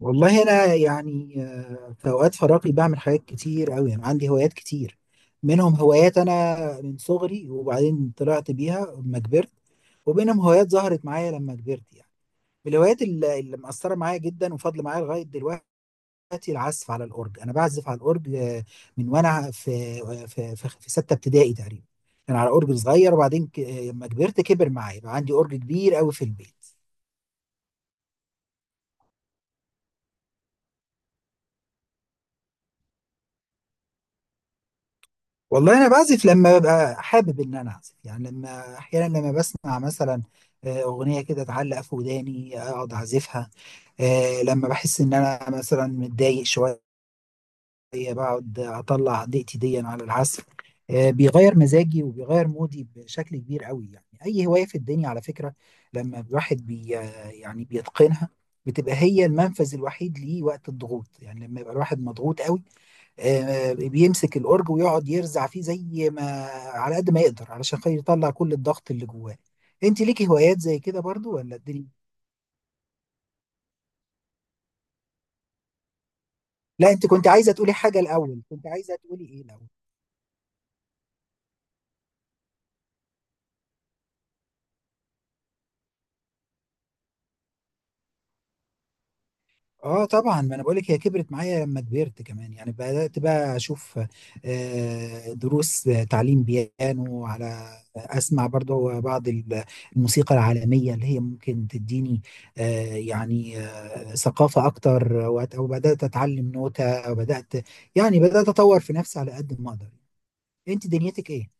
والله انا يعني في اوقات فراغي بعمل حاجات كتير قوي. انا عندي هوايات كتير، منهم هوايات انا من صغري وبعدين طلعت بيها لما كبرت، وبينهم هوايات ظهرت معايا لما كبرت يعني. من الهوايات اللي مأثرة معايا جدا وفاضلة معايا لغاية دلوقتي، العزف على الأورج. أنا بعزف على الأورج من وأنا في في ستة ابتدائي تقريبا، كان على أورج صغير، وبعدين لما كبرت كبر معايا، بقى عندي أورج كبير قوي في البيت. والله انا بعزف لما ببقى حابب ان انا اعزف، يعني لما احيانا لما بسمع مثلا اغنيه كده تعلق في وداني، اقعد اعزفها. لما بحس ان انا مثلا متضايق شويه، بقعد اطلع ضيقتي دي على العزف. بيغير مزاجي وبيغير مودي بشكل كبير قوي. يعني اي هوايه في الدنيا، على فكره، لما الواحد بي آه، يعني بيتقنها، بتبقى هي المنفذ الوحيد ليه وقت الضغوط. يعني لما يبقى الواحد مضغوط قوي، بيمسك الأورج ويقعد يرزع فيه زي ما على قد ما يقدر، علشان خاطر يطلع كل الضغط اللي جواه. انت ليكي هوايات زي كده برضو ولا الدنيا؟ لا، انت كنت عايزة تقولي حاجة الأول، كنت عايزة تقولي ايه الأول؟ اه طبعا، ما انا بقول لك، هي كبرت معايا لما كبرت كمان. يعني بدات بقى اشوف دروس، تعليم بيانو، على اسمع برضو بعض الموسيقى العالميه اللي هي ممكن تديني ثقافه اكتر، وبدات اتعلم نوتة، بدات يعني بدات اطور في نفسي على قد ما اقدر. انت دنيتك ايه؟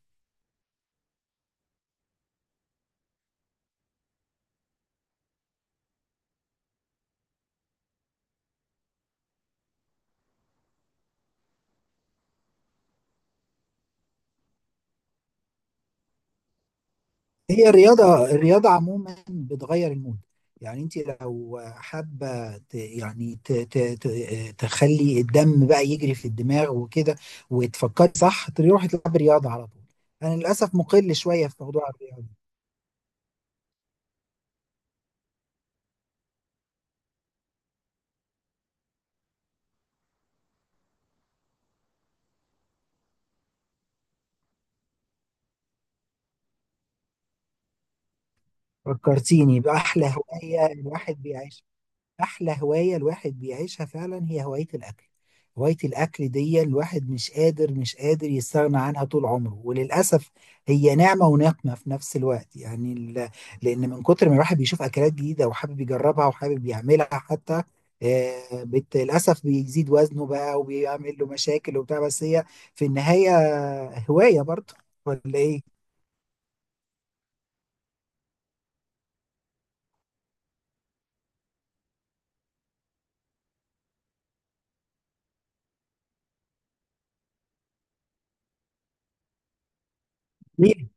هي الرياضة، الرياضة عموما بتغير المود. يعني انت لو حابة تخلي الدم بقى يجري في الدماغ وكده، وتفكري صح، تروحي تلعبي رياضة على طول. انا للأسف مقل شوية في موضوع الرياضة. فكرتيني بأحلى هواية الواحد بيعيشها. احلى هوايه الواحد بيعيشها فعلا هي هوايه الاكل. هوايه الاكل دي الواحد مش قادر مش قادر يستغنى عنها طول عمره، وللاسف هي نعمه ونقمه في نفس الوقت. يعني لان من كتر ما الواحد بيشوف اكلات جديده وحابب يجربها وحابب يعملها حتى، للاسف بيزيد وزنه بقى وبيعمل له مشاكل وبتاع. بس هي في النهايه هوايه برضه، ولا ايه؟ جميل،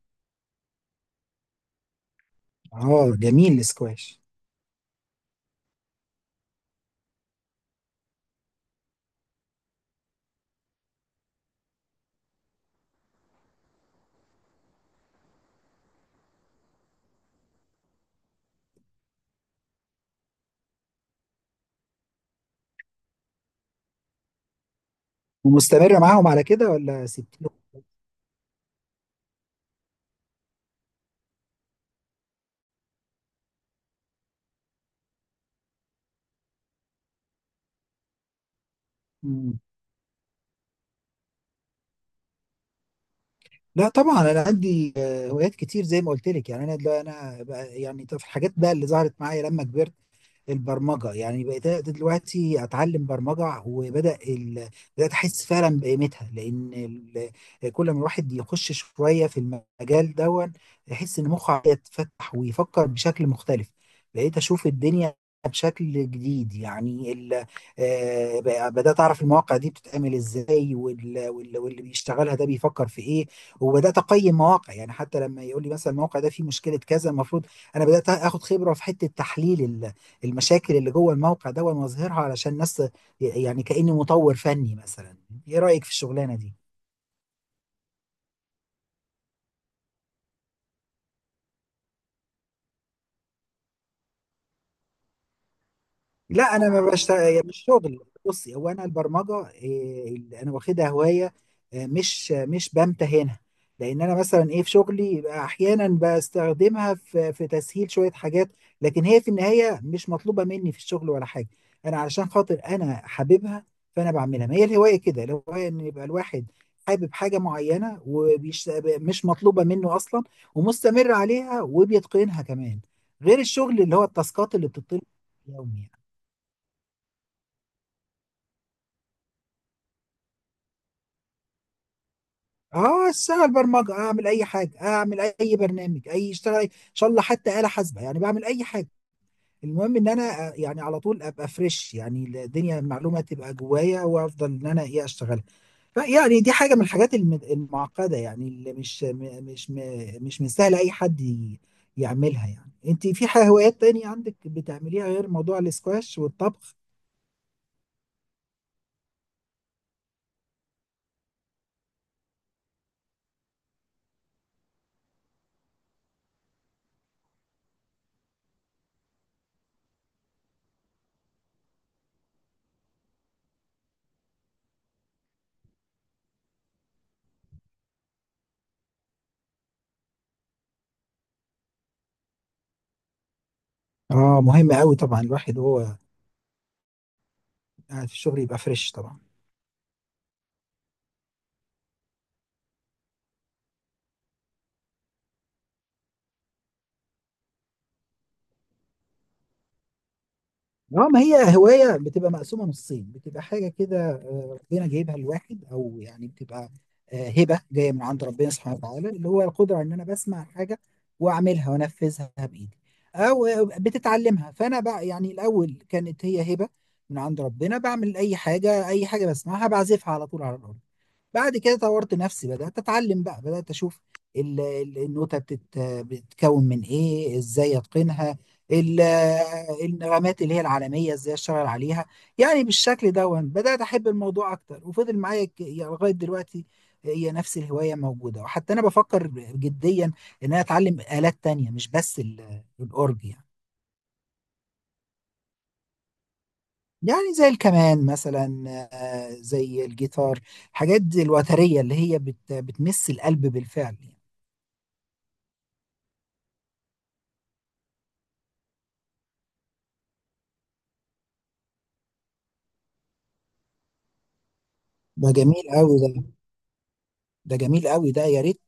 اه جميل الاسكواش. ومستمره معاهم على كده ولا سبتيهم؟ لا طبعا، انا عندي هوايات كتير زي ما قلت لك. يعني انا دلوقتي انا بقى- يعني طب في الحاجات بقى اللي ظهرت معايا لما كبرت، البرمجه. يعني بقيت دلوقتي اتعلم برمجه، بدات احس فعلا بقيمتها، لان كل ما الواحد يخش شويه في المجال دون، يحس ان مخه يتفتح ويفكر بشكل مختلف. بقيت اشوف الدنيا بشكل جديد. يعني بدات اعرف المواقع دي بتتعمل ازاي، واللي بيشتغلها ده بيفكر في ايه. وبدات اقيم مواقع، يعني حتى لما يقول لي مثلا الموقع ده فيه مشكله كذا، المفروض انا بدات اخد خبره في حته تحليل المشاكل اللي جوه الموقع ده واظهرها علشان ناس. يعني كأني مطور فني مثلا. ايه رأيك في الشغلانة دي؟ لا انا ما بشتغل، مش شغل. بصي، هو انا البرمجه إيه، اللي انا واخدها هوايه، مش بمتهنها، لان انا مثلا ايه في شغلي يبقى احيانا بستخدمها في تسهيل شويه حاجات، لكن هي في النهايه مش مطلوبه مني في الشغل ولا حاجه. انا علشان خاطر انا حاببها فانا بعملها. ما هي الهوايه كده، الهوايه ان يبقى الواحد حابب حاجه معينه ومش مطلوبه منه اصلا، ومستمر عليها وبيتقنها كمان، غير الشغل اللي هو التاسكات اللي بتطلب يومي. اه، سهل، برمجه اعمل اي حاجه، اعمل اي برنامج، اي اشتغل ان شاء الله، حتى آلة حاسبه، يعني بعمل اي حاجه. المهم ان انا يعني على طول ابقى فريش، يعني الدنيا المعلومه تبقى جوايا وافضل ان انا ايه اشتغلها. فيعني دي حاجه من الحاجات المعقده، يعني اللي مش من سهل اي حد يعملها. يعني انت في حاجه هوايات تانية عندك بتعمليها غير موضوع الاسكواش والطبخ؟ اه مهم قوي طبعا الواحد وهو قاعد في الشغل يبقى فريش طبعا. اه ما هي هواية بتبقى مقسومة نصين، بتبقى حاجة كده ربنا جايبها لواحد، أو يعني بتبقى هبة جاية من عند ربنا سبحانه وتعالى، اللي هو القدرة على إن أنا بسمع حاجة وأعملها وأنفذها بإيدي، أو بتتعلمها. فأنا بقى، يعني الأول كانت هي هبة من عند ربنا، بعمل أي حاجة، أي حاجة بسمعها بعزفها على طول على الأرض. بعد كده طورت نفسي، بدأت أتعلم بقى، بدأت أشوف النوتة بتتكون من إيه، إزاي أتقنها، ال- النغمات اللي هي العالمية إزاي أشتغل عليها. يعني بالشكل ده وأنا بدأت أحب الموضوع أكتر، وفضل معايا يعني لغاية دلوقتي هي نفس الهواية موجودة. وحتى أنا بفكر جديا إن أنا أتعلم آلات تانية مش بس الأورج يعني. يعني زي الكمان مثلا، زي الجيتار، الحاجات دي الوترية اللي هي بتمس القلب بالفعل يعني. ده جميل قوي ده، ده جميل قوي ده. يا ريت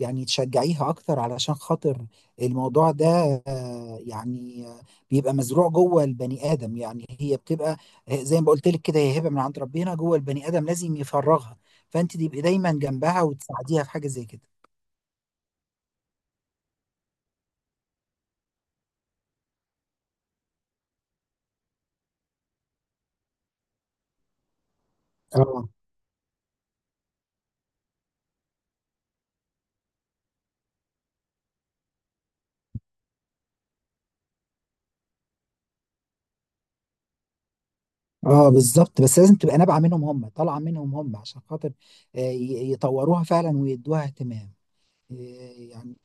يعني تشجعيها اكتر، علشان خاطر الموضوع ده آه، يعني آه، بيبقى مزروع جوه البني ادم. يعني هي بتبقى زي ما قلت لك كده، هي هبه من عند ربنا جوه البني ادم لازم يفرغها. فانت تبقي دايما جنبها وتساعديها في حاجه زي كده. اه اه بالظبط، بس لازم تبقى نابعه منهم هم، طالعه منهم هم، عشان خاطر يطوروها فعلا ويدوها اهتمام. آه، يعني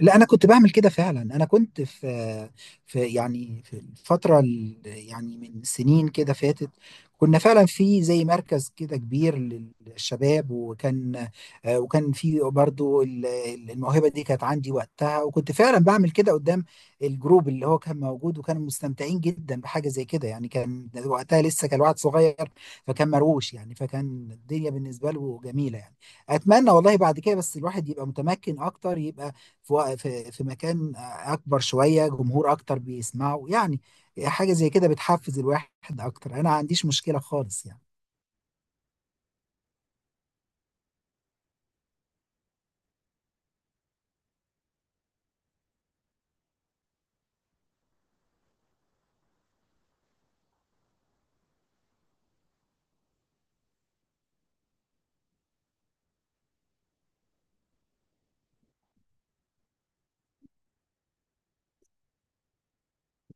لا انا كنت بعمل كده فعلا. انا كنت في يعني في الفتره يعني من سنين كده فاتت، كنا فعلا في زي مركز كده كبير للشباب، وكان وكان في برضو الموهبه دي كانت عندي وقتها، وكنت فعلا بعمل كده قدام الجروب اللي هو كان موجود، وكانوا مستمتعين جدا بحاجه زي كده. يعني كان وقتها لسه كان الواحد صغير، فكان مروش يعني، فكان الدنيا بالنسبه له جميله يعني. اتمنى والله بعد كده بس الواحد يبقى متمكن اكتر، يبقى في مكان اكبر شويه، جمهور اكتر بيسمعه يعني. حاجه زي كده بتحفز الواحد اكتر، انا ما عنديش مشكله خالص يعني.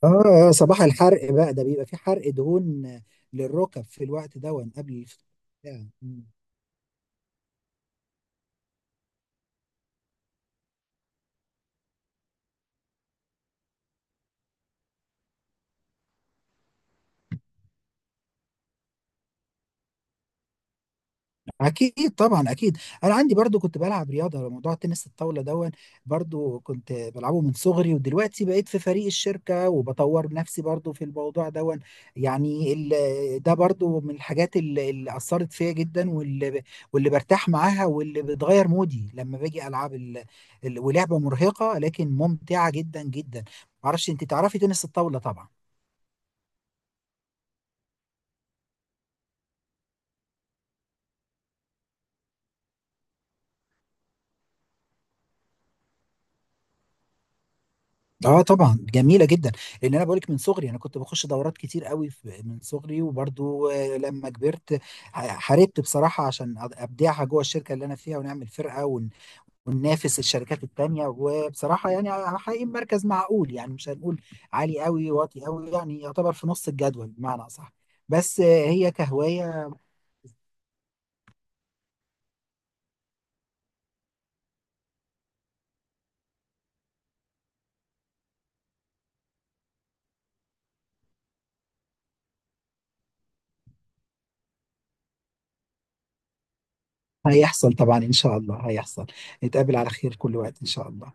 اه صباح الحرق بقى ده، بيبقى في حرق دهون للركب في الوقت ده، قبل الفطار. اكيد طبعا اكيد. انا عندي برضو كنت بلعب رياضه، موضوع تنس الطاوله دون، برضو كنت بلعبه من صغري، ودلوقتي بقيت في فريق الشركه وبطور نفسي برضو في الموضوع دون. يعني ده برضو من الحاجات اللي اثرت فيا جدا، واللي برتاح معاها، واللي بتغير مودي لما باجي العب ولعبه مرهقه لكن ممتعه جدا جدا. معرفش انت تعرفي تنس الطاوله طبعا. اه طبعا جميله جدا، لان انا بقولك من صغري انا كنت بخش دورات كتير قوي من صغري، وبرضو لما كبرت حاربت بصراحه عشان ابدعها جوه الشركه اللي انا فيها، ونعمل فرقه وننافس الشركات التانيه. وبصراحه يعني حقيقي مركز معقول، يعني مش هنقول عالي قوي واطي قوي، يعني يعتبر في نص الجدول بمعنى اصح، بس هي كهوايه. هيحصل طبعا ان شاء الله هيحصل، نتقابل على خير كل وقت ان شاء الله.